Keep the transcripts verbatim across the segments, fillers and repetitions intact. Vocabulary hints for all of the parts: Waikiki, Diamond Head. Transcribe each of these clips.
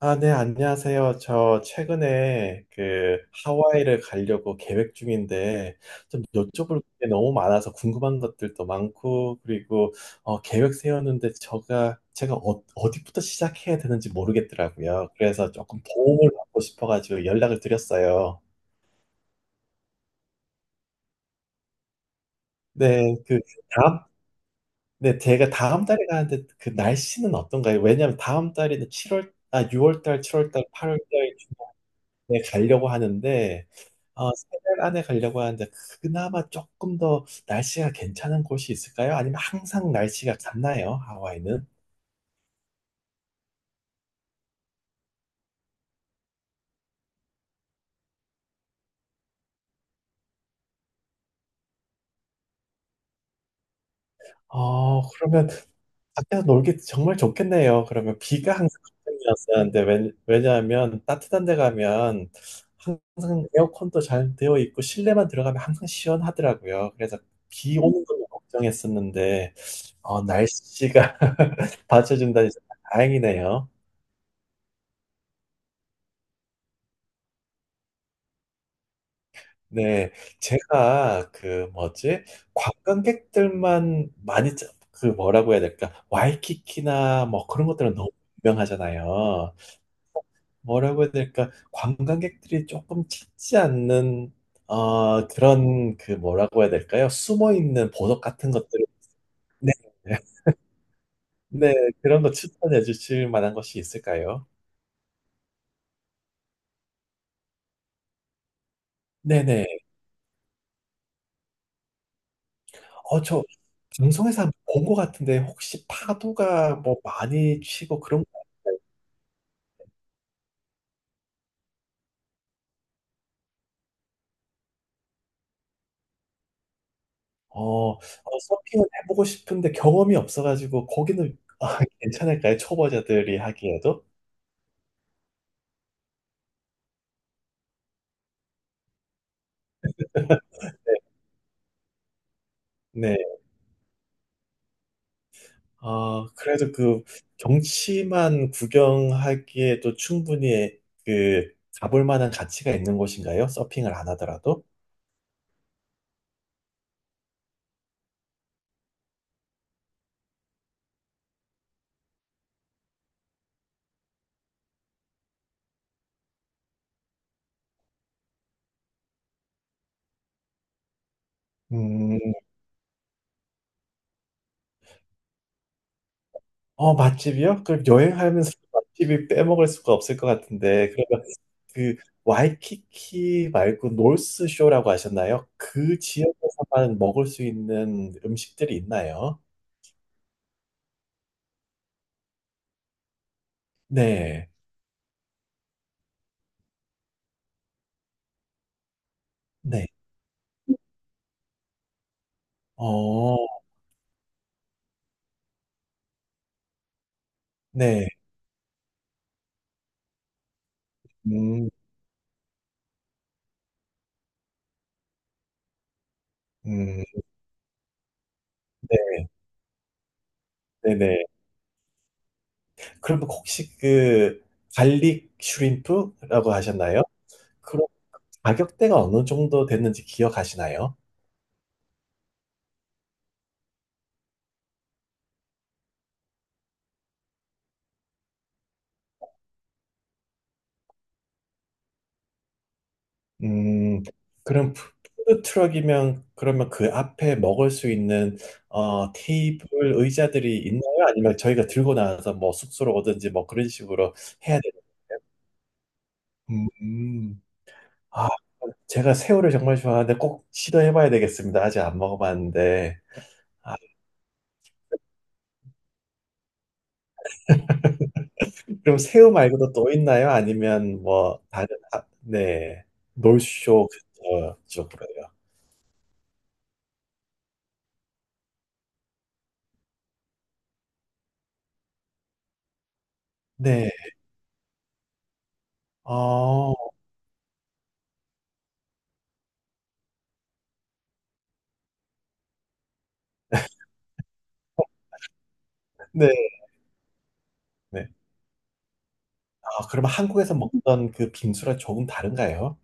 아, 네, 안녕하세요. 저 최근에 그 하와이를 가려고 계획 중인데 좀 여쭤볼 게 너무 많아서 궁금한 것들도 많고, 그리고 어, 계획 세웠는데 제가 제가 어, 어디부터 시작해야 되는지 모르겠더라고요. 그래서 조금 도움을 받고 싶어가지고 연락을 드렸어요. 네, 그 다음, 네, 제가 다음 달에 가는데 그 날씨는 어떤가요? 왜냐하면 다음 달에는 칠월, 아, 유월 달, 칠월 달, 팔월 달 네, 가려고 하는데, 어, 세 달 안에 가려고 하는데, 그나마 조금 더 날씨가 괜찮은 곳이 있을까요? 아니면 항상 날씨가 같나요? 하와이는? 어, 그러면 밖에서 놀기 정말 좋겠네요. 그러면 비가 항상 걱정이었었는데, 왜, 왜냐하면 따뜻한 데 가면 항상 에어컨도 잘 되어 있고, 실내만 들어가면 항상 시원하더라고요. 그래서 비 오는 걸 걱정했었는데, 어, 날씨가 받쳐준다니 정말 다행이네요. 네, 제가 그 뭐지, 관광객들만 많이 짜- 그 뭐라고 해야 될까, 와이키키나 뭐 그런 것들은 너무 유명하잖아요. 뭐라고 해야 될까, 관광객들이 조금 찾지 않는 어 그런 그 뭐라고 해야 될까요? 숨어 있는 보석 같은 것들을 네, 네, 그런 거 추천해 주실 만한 것이 있을까요? 네네. 어, 저 방송에서 본 것 같은데 혹시 파도가 뭐 많이 치고 그런 거 어, 어, 서핑은 해보고 싶은데 경험이 없어가지고 거기는 아, 괜찮을까요? 초보자들이 하기에도? 네. 아, 그래도 그 경치만 구경하기에도 충분히 그 가볼 만한 가치가 있는 곳인가요? 서핑을 안 하더라도? 음, 어, 맛집이요? 그럼 여행하면서 맛집이 빼먹을 수가 없을 것 같은데, 그러면 그 와이키키 말고 노스쇼라고 하셨나요? 그 지역에서만 먹을 수 있는 음식들이 있나요? 네, 네, 어, 네, 음, 음, 네, 네네. 그럼 혹시 그 갈릭 슈림프라고 하셨나요? 그럼 가격대가 어느 정도 됐는지 기억하시나요? 음, 그럼 푸- 푸드 트럭이면 그러면 그 앞에 먹을 수 있는 어, 테이블 의자들이 있나요? 아니면 저희가 들고 나와서 뭐 숙소로 오든지 뭐 그런 식으로 해야 되나요? 음, 음. 아, 제가 새우를 정말 좋아하는데 꼭 시도해봐야 되겠습니다. 아직 안 먹어봤는데. 아, 그럼 새우 말고도 또 있나요? 아니면 뭐 다른, 아, 네, 놀쇼 근처 쪽으로요. 네, 어, 네. 네. 아, 그러면 한국에서 먹던 그 빙수랑 조금 다른가요?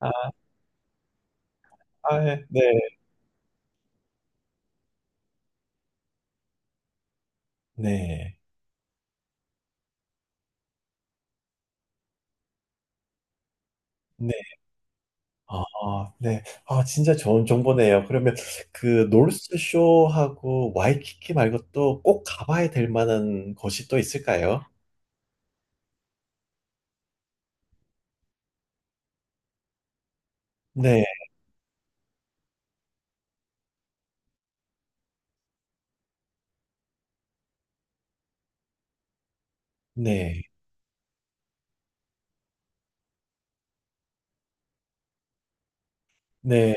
아, 아, 예. 네, 네, 네. 아, 네. 아, 진짜 좋은 정보네요. 그러면 그 노스쇼하고 와이키키 말고 또 꼭 가봐야 될 만한 곳이 또 있을까요? 네, 네, 네,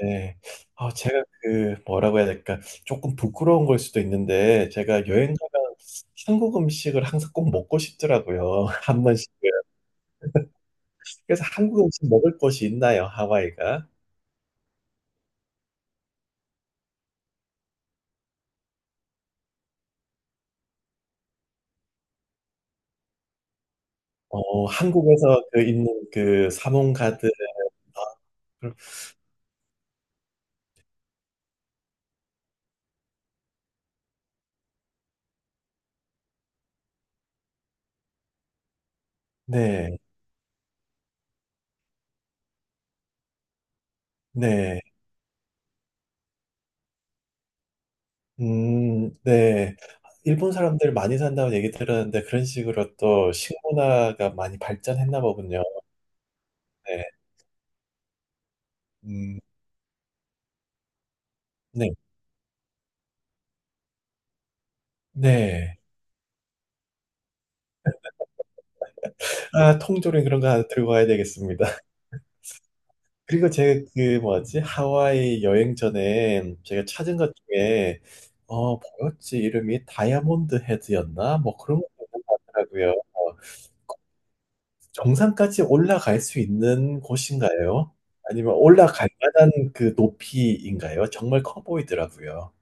네. 아, 제가 그 뭐라고 해야 될까? 조금 부끄러운 걸 수도 있는데 제가 여행 가면 한국 음식을 항상 꼭 먹고 싶더라고요. 한 번씩. 그래서 한국 음식 먹을 곳이 있나요, 하와이가? 어, 한국에서 그 있는 그 사몽 가드, 아, 그렇- 네, 네, 음, 네. 일본 사람들 많이 산다고 얘기 들었는데 그런 식으로 또 식문화가 많이 발전했나 보군요. 네, 음, 네, 네. 아, 통조림 그런 거 하나 들고 가야 되겠습니다. 그리고 제가 그 뭐지, 하와이 여행 전에 제가 찾은 것 중에 어 뭐였지 이름이 다이아몬드 헤드였나 뭐 그런 거 있는 것 같더라고요. 어, 정상까지 올라갈 수 있는 곳인가요? 아니면 올라갈 만한 그 높이인가요? 정말 커 보이더라고요.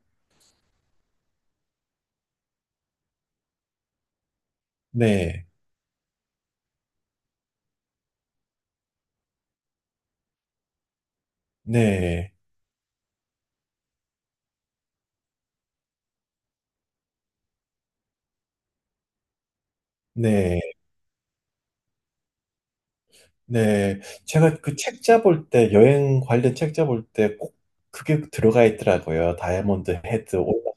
네. 네. 네. 네. 제가 그 책 잡을 때 여행 관련 책 잡을 때 꼭 그게 들어가 있더라고요. 다이아몬드 헤드 올라오고.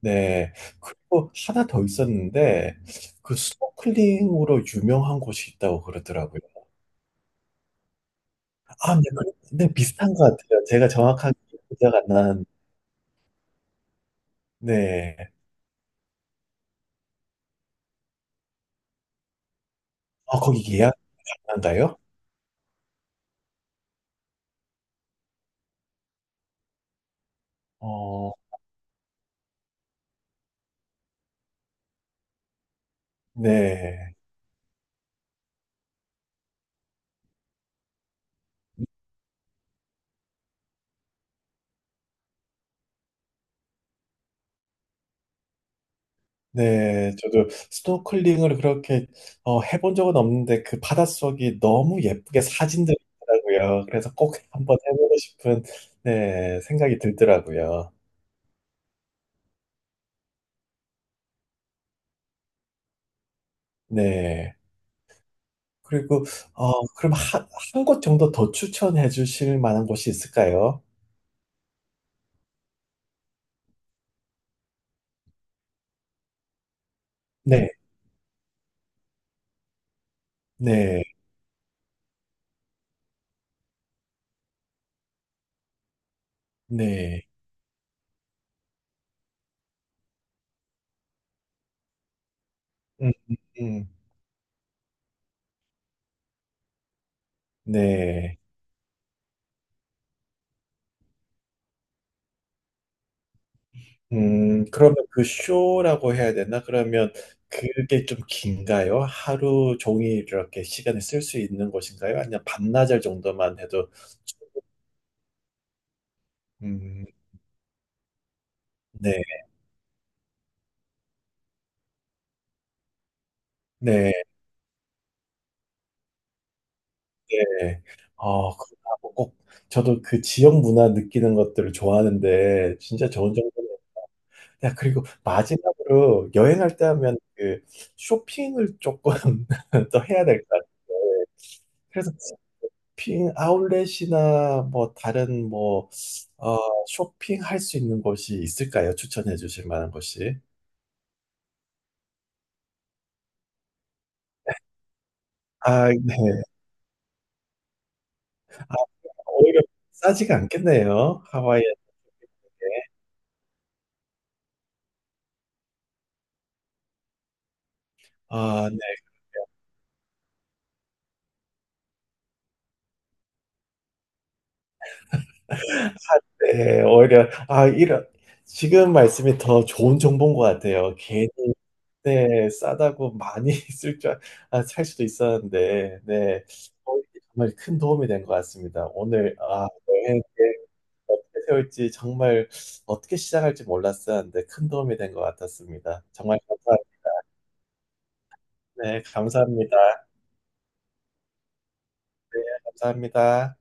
네. 그리고 하나 더 있었는데 그 스노클링으로 유명한 곳이 있다고 그러더라고요. 아, 네. 그- 네, 비슷한 것 같아요. 제가 정확하게 기억 안 나는. 네. 아, 거기 예약 가능한가요? 어, 네. 네, 저도 스노클링을 그렇게 어, 해본 적은 없는데 그 바닷속이 너무 예쁘게 사진들이 있더라고요. 그래서 꼭 한번 해보고 싶은 네, 생각이 들더라고요. 네. 그리고 어, 그럼 한, 한 곳 정도 더 추천해 주실 만한 곳이 있을까요? 네, 네, 네. 음, 음, 음. 네. 음, 그러면 그 쇼라고 해야 되나? 그러면 그게 좀 긴가요? 하루 종일 이렇게 시간을 쓸 수 있는 것인가요? 아니면 반나절 정도만 해도 음, 네, 네, 네. 어, 그렇다고 꼭 저도 그 지역 문화 느끼는 것들을 좋아하는데 진짜 좋은 정도 야, 그리고 마지막으로 여행할 때 하면 그 쇼핑을 조금 더 해야 될 것 같아요. 그래서 쇼핑 아울렛이나 뭐 다른 뭐, 어, 쇼핑할 수 있는 곳이 있을까요? 추천해 주실 만한 곳이? 아, 네. 아, 오히려 싸지가 않겠네요. 하와이. 에 아, 네. 네. 오히려 아, 이런 지금 말씀이 더 좋은 정보인 것 같아요. 괜히 네, 싸다고 많이 쓸 줄, 알- 아, 살 수도 있었는데, 네. 어, 정말 큰 도움이 된 것 같습니다. 오늘, 아, 여행 어떻게 세울지 정말 어떻게 시작할지 몰랐었는데 큰 도움이 된 것 같았습니다. 정말 감사, 네, 감사합니다. 감사합니다.